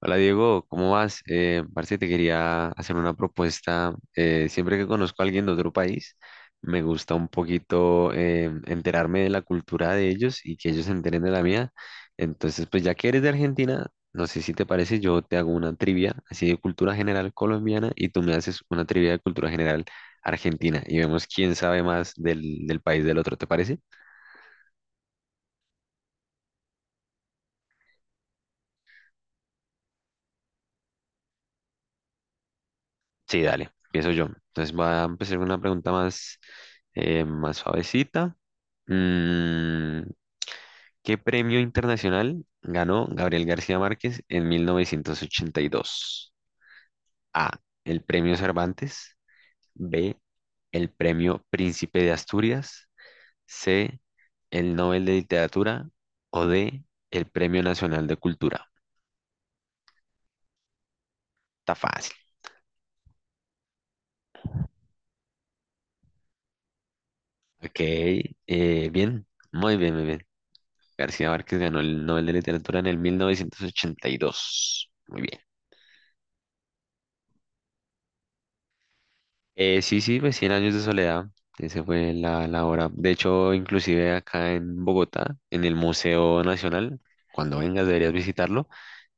Hola Diego, ¿cómo vas? Parce, te quería hacer una propuesta. Siempre que conozco a alguien de otro país, me gusta un poquito, enterarme de la cultura de ellos y que ellos se enteren de la mía. Entonces, pues ya que eres de Argentina, no sé si te parece, yo te hago una trivia así de cultura general colombiana y tú me haces una trivia de cultura general argentina y vemos quién sabe más del país del otro, ¿te parece? Sí, dale, empiezo yo. Entonces va a empezar con una pregunta más, más suavecita. Mm, ¿Qué premio internacional ganó Gabriel García Márquez en 1982? A. El premio Cervantes. B. El premio Príncipe de Asturias. C. El Nobel de Literatura. O D. El Premio Nacional de Cultura. Está fácil. Ok. Bien. Muy bien, muy bien. García Márquez ganó el Nobel de Literatura en el 1982. Muy bien. Sí, sí, pues Cien años de soledad. Esa fue la obra. De hecho, inclusive acá en Bogotá, en el Museo Nacional, cuando vengas deberías visitarlo,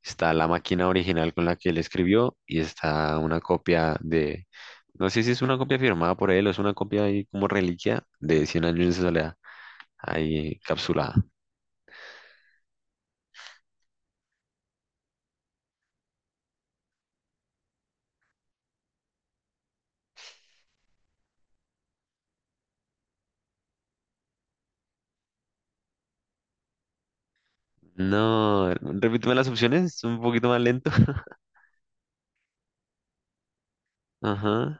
está la máquina original con la que él escribió y está una copia de, no sé si es una copia firmada por él o es una copia ahí como reliquia de Cien años de soledad, ahí encapsulada. No, repíteme las opciones, es un poquito más lento. Ajá,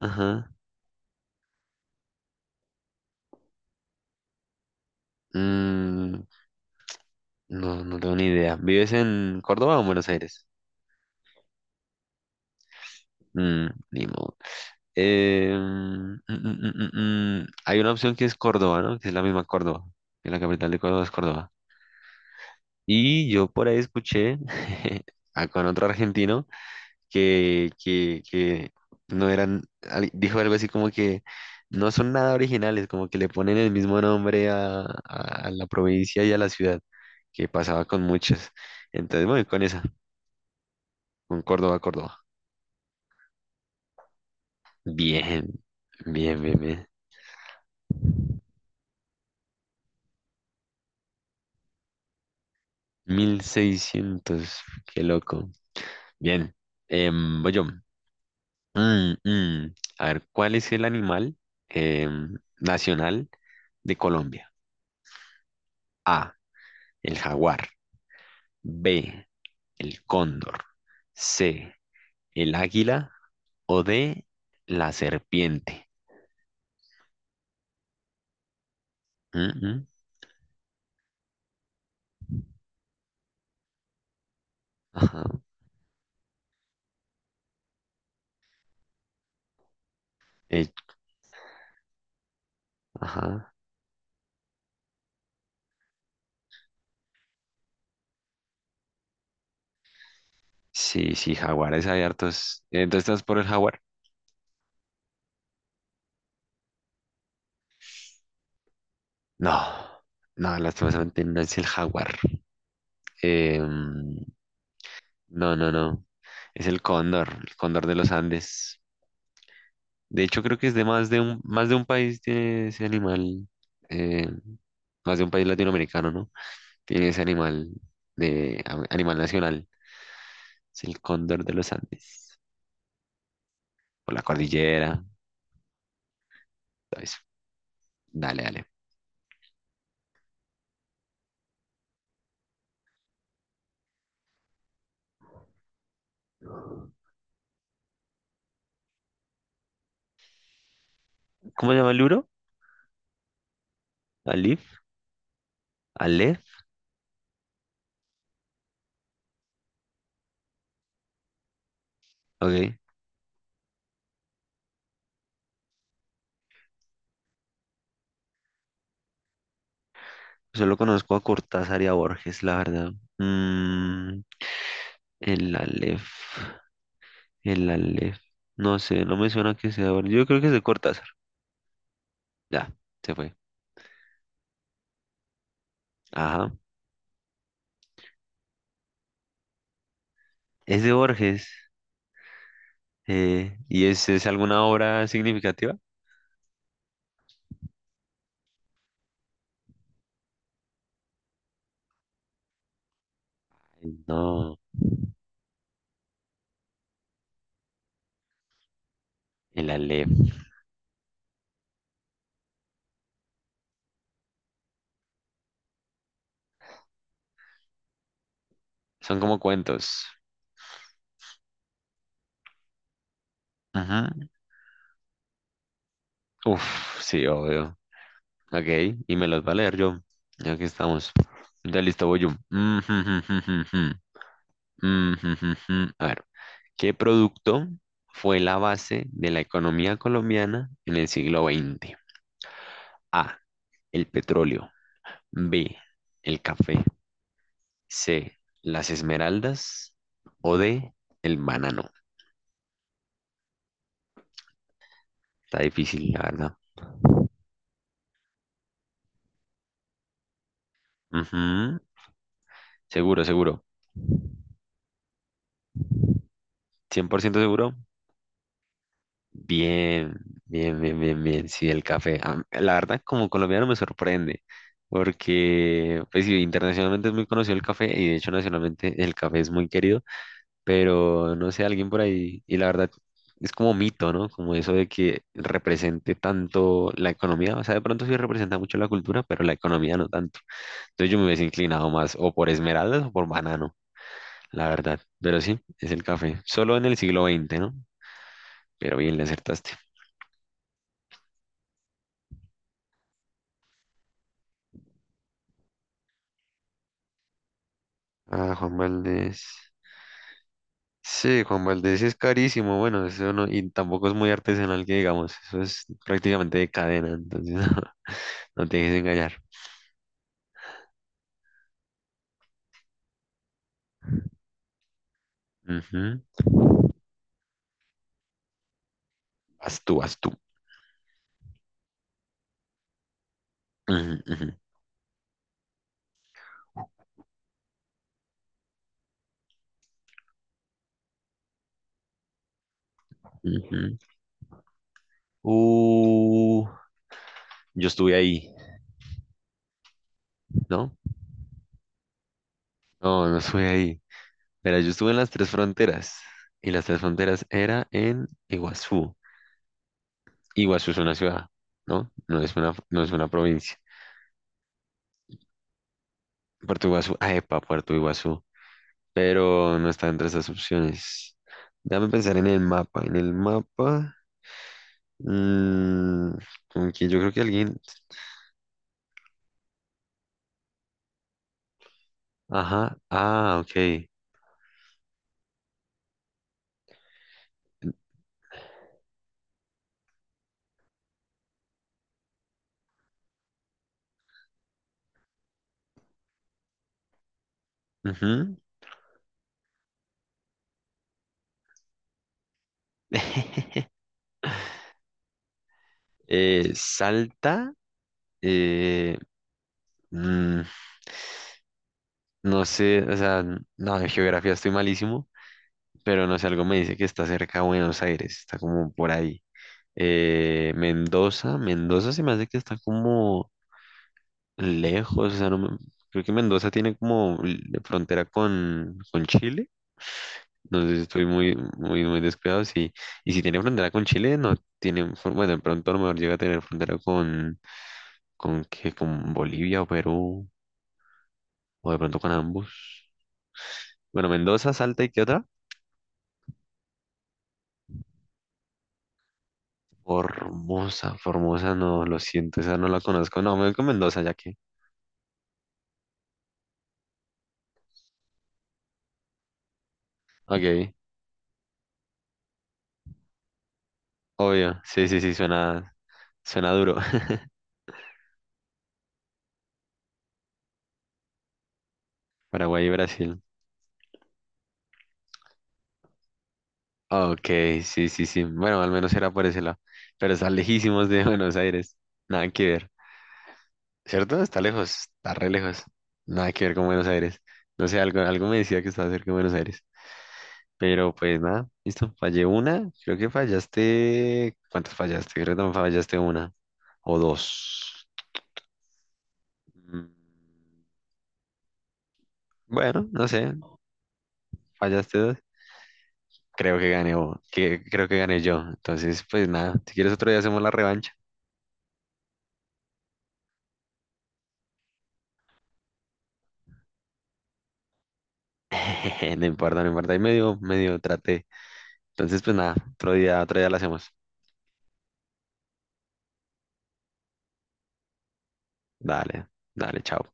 ajá. Mm, no, no tengo ni idea. ¿Vives en Córdoba o en Buenos Aires? Ni modo. Mm. Hay una opción que es Córdoba, ¿no? Que es la misma Córdoba. Que la capital de Córdoba es Córdoba. Y yo por ahí escuché con otro argentino que no eran, dijo algo así como que no son nada originales, como que le ponen el mismo nombre a, a la provincia y a la ciudad, que pasaba con muchas. Entonces, bueno, con esa, con Córdoba, Córdoba. Bien, bien, bien, bien. 1600, qué loco. Bien, voy yo. Mm, mm. A ver, ¿cuál es el animal nacional de Colombia? A, el jaguar. B, el cóndor. C, el águila. O D, la serpiente. Mm, mm. Ajá. eh, ajá. Sí, sí, jaguares hay hartos. Entonces, ¿estás por el jaguar? No, no, lastimosamente no es el jaguar. Em, no, no, no. Es el cóndor de los Andes. De hecho, creo que es de más de un país tiene ese animal, eh, más de un país latinoamericano, ¿no? Tiene ese animal animal nacional. Es el cóndor de los Andes. Por la cordillera, todo eso. Dale, dale. ¿Cómo se llama el libro? Alif, Alef, ok. Solo conozco a Cortázar y a Borges, la verdad. Mm, el Alef, el Alef. No sé, no me suena que sea. Borges. Yo creo que es de Cortázar. Ya, se fue. Ajá. Es de Borges. ¿Y es alguna obra significativa? No, el Aleph. Son como cuentos. Ajá. Uf, sí, obvio. Ok, y me los va a leer yo. Ya que estamos. Ya listo, voy yo. Mm, jum, jum, jum, jum, jum. Mm, jum, jum, jum. A ver, ¿qué producto fue la base de la economía colombiana en el siglo XX? A, el petróleo. B, el café. C, las esmeraldas o D, el banano. Está difícil, la verdad. Ujú. Seguro, seguro. 100% seguro. Bien, bien, bien, bien, bien. Sí, el café. La verdad, como colombiano me sorprende, porque pues sí, internacionalmente es muy conocido el café y de hecho nacionalmente el café es muy querido, pero no sé, alguien por ahí, y la verdad es como mito, ¿no? Como eso de que represente tanto la economía, o sea, de pronto sí representa mucho la cultura, pero la economía no tanto. Entonces yo me hubiese inclinado más o por esmeraldas o por banano, la verdad. Pero sí, es el café. Solo en el siglo XX, ¿no? Pero bien, le acertaste. Ah, Juan Valdés. Sí, Juan Valdés sí es carísimo. Bueno, eso no, y tampoco es muy artesanal que digamos. Eso es prácticamente de cadena, entonces no, no te dejes engañar. Ujú. Haz tú, haz tú. Ujú, ujú, ujú. Uh, yo estuve ahí, ¿no? No, no estuve ahí. Mira, yo estuve en las tres fronteras y las tres fronteras era en Iguazú. Iguazú es una ciudad, ¿no? No es una, no es una provincia. Puerto Iguazú, ah, epa, Puerto Iguazú, pero no está entre esas opciones. Déjame pensar en el mapa. En el mapa, mm, como que yo creo que alguien, ajá, ah, ok. Ujú. Salta, eh, mm, no sé, o sea, no, en geografía estoy malísimo. Pero no sé, algo me dice que está cerca de Buenos Aires, está como por ahí. Mendoza, Mendoza se me hace que está como lejos, o sea, no me- creo que Mendoza tiene como frontera con Chile, no sé si estoy muy, muy, muy descuidado, sí, y si tiene frontera con Chile, no tiene, bueno, de pronto a lo mejor llega a tener frontera con, ¿qué? Con Bolivia o Perú, o de pronto con ambos. Bueno, Mendoza, Salta y ¿qué otra? Formosa, Formosa, no, lo siento, esa no la conozco. No, me voy con Mendoza, ya que. Ok, obvio, sí, sí, sí, suena, suena duro. Paraguay y Brasil. Ok, sí, sí, sí. Bueno, al menos era por ese lado. Pero están lejísimos de Buenos Aires. Nada que ver. ¿Cierto? Está lejos, está re lejos. Nada que ver con Buenos Aires. No sé, algo, algo me decía que estaba cerca de Buenos Aires. Pero pues nada, listo. Fallé una. Creo que fallaste. ¿Cuántas fallaste? Creo que también fallaste una o dos. Mm, Bueno, no sé, fallaste dos. Creo que gané vos, que creo que gané yo. Entonces, pues nada, si quieres otro día hacemos la revancha. No importa, no importa. Ahí medio, medio traté. Entonces, pues nada, otro día la hacemos. Dale, dale, chao.